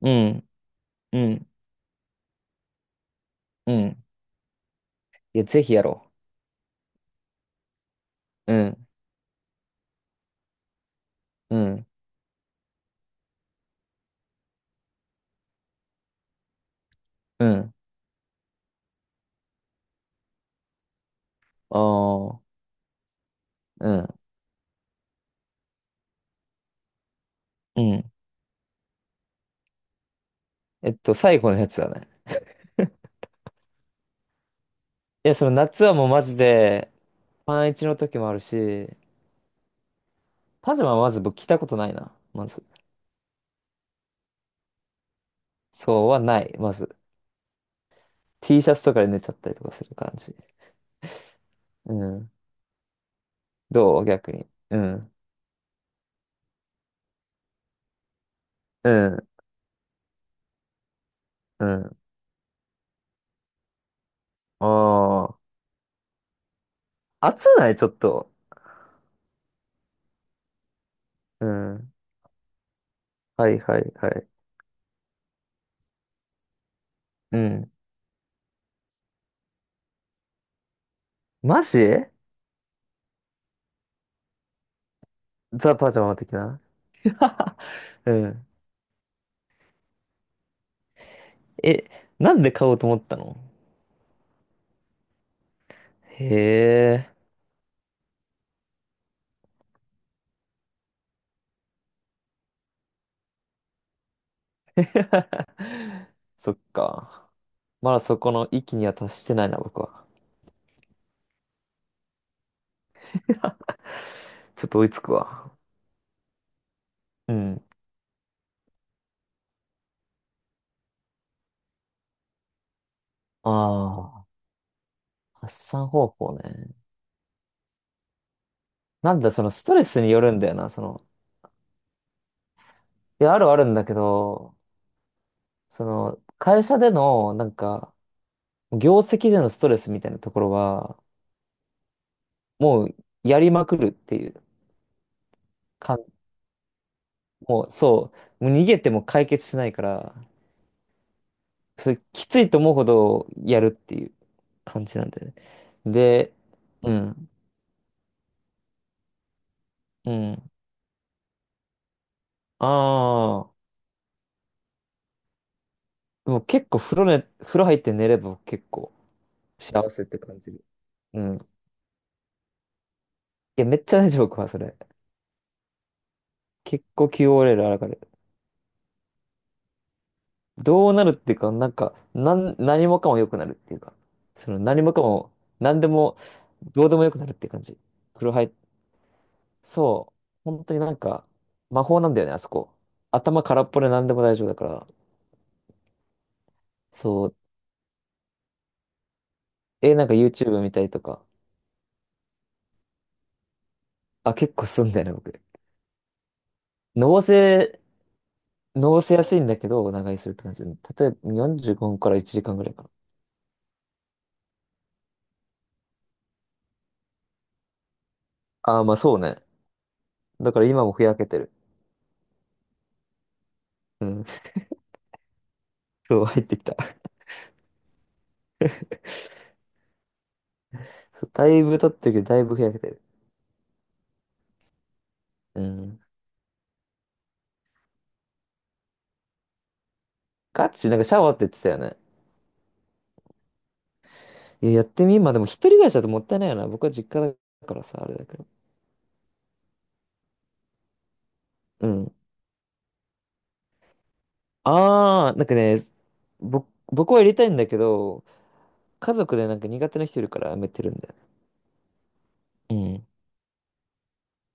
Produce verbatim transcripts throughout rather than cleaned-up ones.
うん、うん、うん。いや、ぜひやろう。うん、うん、うん。ああ、うん、うん。えっと、最後のやつだね。いや、その夏はもうマジで、パンイチの時もあるし、パジャマはまず僕着たことないな、まず。そうはない、まず。T シャツとかで寝ちゃったりとかする感じ。うん。どう逆に。うん、うん、うん。ああ、暑ないちょっと。うん。はいはいはい。うん。マジザ・パジャマ的な。うん。え、なんで買おうと思ったの？へえ。そっか。まだそこの域には達してないな、僕は。ちょっと追いつくわ。うん。ああ、発散方法ね。なんだ、そのストレスによるんだよな、その。いや、あるはあるんだけど、その、会社での、なんか、業績でのストレスみたいなところは、もう、やりまくるっていうか、もう、そう、もう逃げても解決しないから、それきついと思うほどやるっていう感じなんだよね。で、うん、うん。ああ、でも結構風呂ね、風呂入って寝れば結構幸せって感じる。うん。いや、めっちゃ大丈夫か、僕はそれ。結構 キューオーエル 上がる。どうなるっていうか、なんか、なん、何もかも良くなるっていうか、その何もかも、何でも、どうでも良くなるっていう感じ。風呂入っ、そう、本当になんか、魔法なんだよね、あそこ。頭空っぽで何でも大丈夫だから。そう。え、なんか YouTube 見たりとか。あ、結構すんだよね、僕。のぼせ、のぼせやすいんだけど、長居するって感じ。例えばよんじゅうごふんからいちじかんぐらいかな。ああ、まあそうね。だから今もふやけてる。うん。そう、入ってきた。そう、だいぶ経ってるけど、だいぶふやけてる。うん。ガチ、なんかシャワーって言ってたよね。いや、やってみ、まあでも一人暮らしだともったいないよな。僕は実家だからさ、あれだけど。うん。ああ、なんかね、ぼ、僕は入れたいんだけど、家族でなんか苦手な人いるからやめてるんだよね。うん。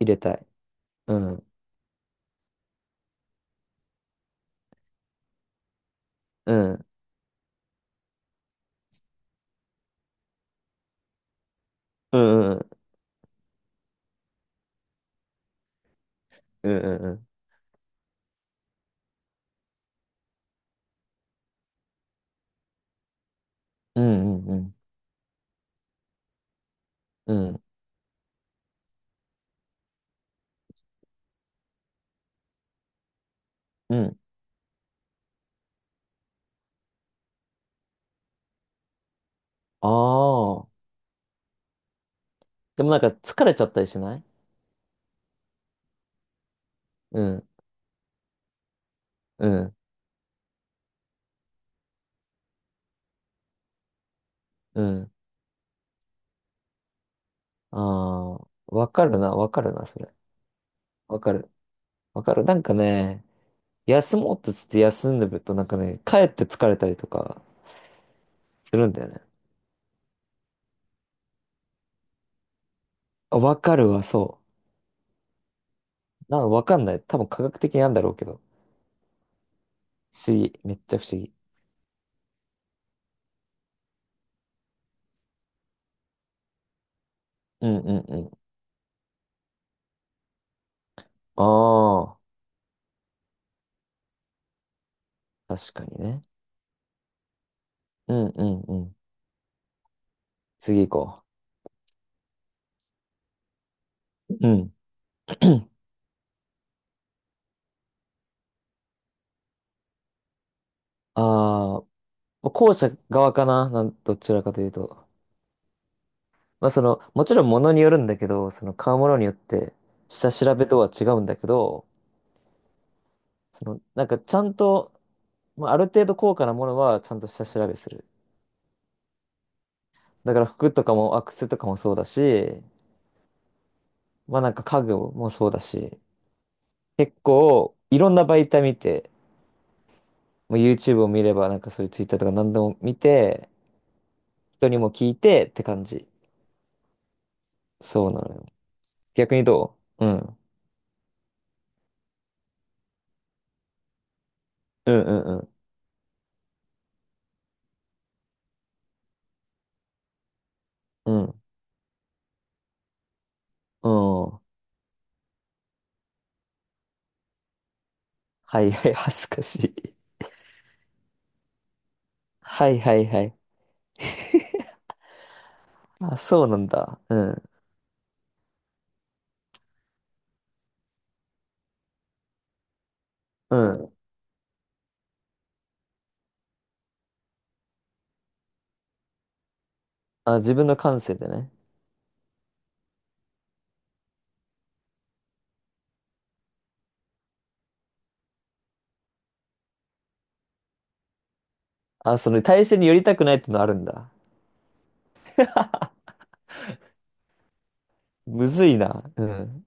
入れたい。うん。うん。うんうんうん。うんうんうんうんうん。うんうん。うんうんうん。ああ。でもなんか疲れちゃったりしない？うんうんうん。ああ。わかるな、わかるな、それ。わかる。わかる。なんかね、休もうとつって休んでるとなんかね、帰って疲れたりとかするんだよね。あわかるわ、そう。なんわかんない。多分科学的なんだろうけど。不思議。めっちゃ不思議。うんうんうん。ああ。確かにね。うんうんうん。次行こう。うん。ああ、まあ後者側かな、なんどちらかというと。まあその、もちろん物によるんだけど、その買うものによって下調べとは違うんだけど、その、なんかちゃんと、まあある程度高価なものはちゃんと下調べする。だから服とかも、アクセとかもそうだし、まあなんか家具もそうだし、結構いろんな媒体見て、もう YouTube を見ればなんかそういう ツイッター とか何でも見て、人にも聞いてって感じ。そうなのよ。逆にどう？うん。うんうんうん。うんうん。はいはい、恥ずかしい。はいはいはい。あ、そうなんだ。うん。うん。あ、自分の感性でね。あ、その対象に寄りたくないってのあるんだ。むずいな。うん。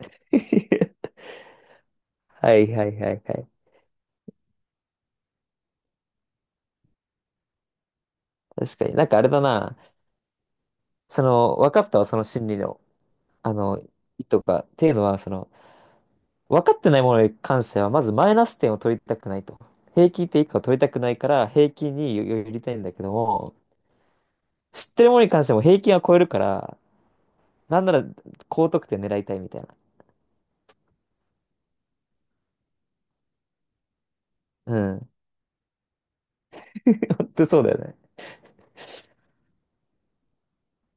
はいはいはいはい。確かに。なんかあれだな。その、分かったわ、その心理の、あの、意図が。っていうのは、その、分かってないものに関しては、まずマイナス点を取りたくないと。平均点以下を取りたくないから、平均に寄りたいんだけども、知ってるものに関しても平均は超えるから、なんなら高得点狙いたいみたいな。うん。本当そうだよね。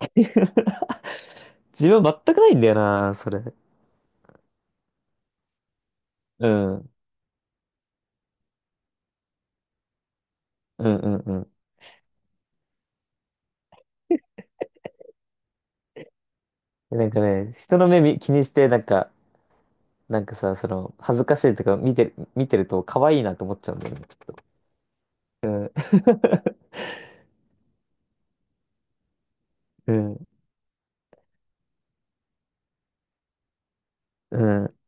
自分全くないんだよな、それ。うん。うんうんうん。でなんかね、人の目み気にして、なんか、なんかさ、その、恥ずかしいとか見て、見てると可愛いなと思っちゃうんだよね、ちょっと。うん。うん。うん。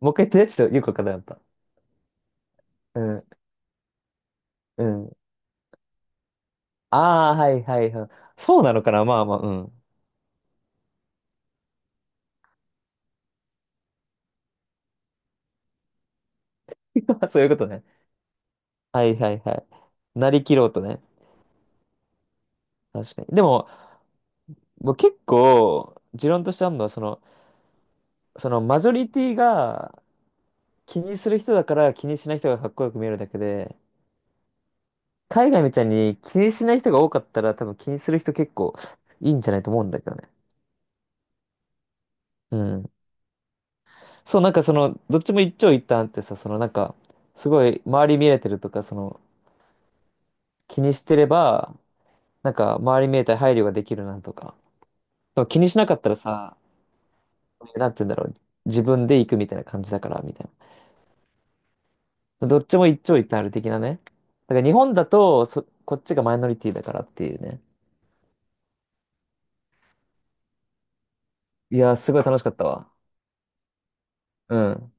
もう一回言ってね、ちょっとよくわかんなかった。うん。うん。ああ、はいはいはい。そうなのかな、まあまあ、うん。そういうことね。はいはいはい。なりきろうとね。確かに。でも、僕結構、持論としてあるのは、その、そのマジョリティが気にする人だから気にしない人がかっこよく見えるだけで、海外みたいに気にしない人が多かったら多分気にする人結構いいんじゃないと思うんだけどね。うん。そう、なんかその、どっちも一長一短ってさ、そのなんか、すごい周り見れてるとか、その、気にしてれば、なんか周り見えたり配慮ができるなとか。でも気にしなかったらさ、なんて言うんだろう。自分で行くみたいな感じだから、みたいな。どっちも一長一短ある的なね。だから日本だと、そ、こっちがマイノリティだからっていうね。いやー、すごい楽しかったわ。うん。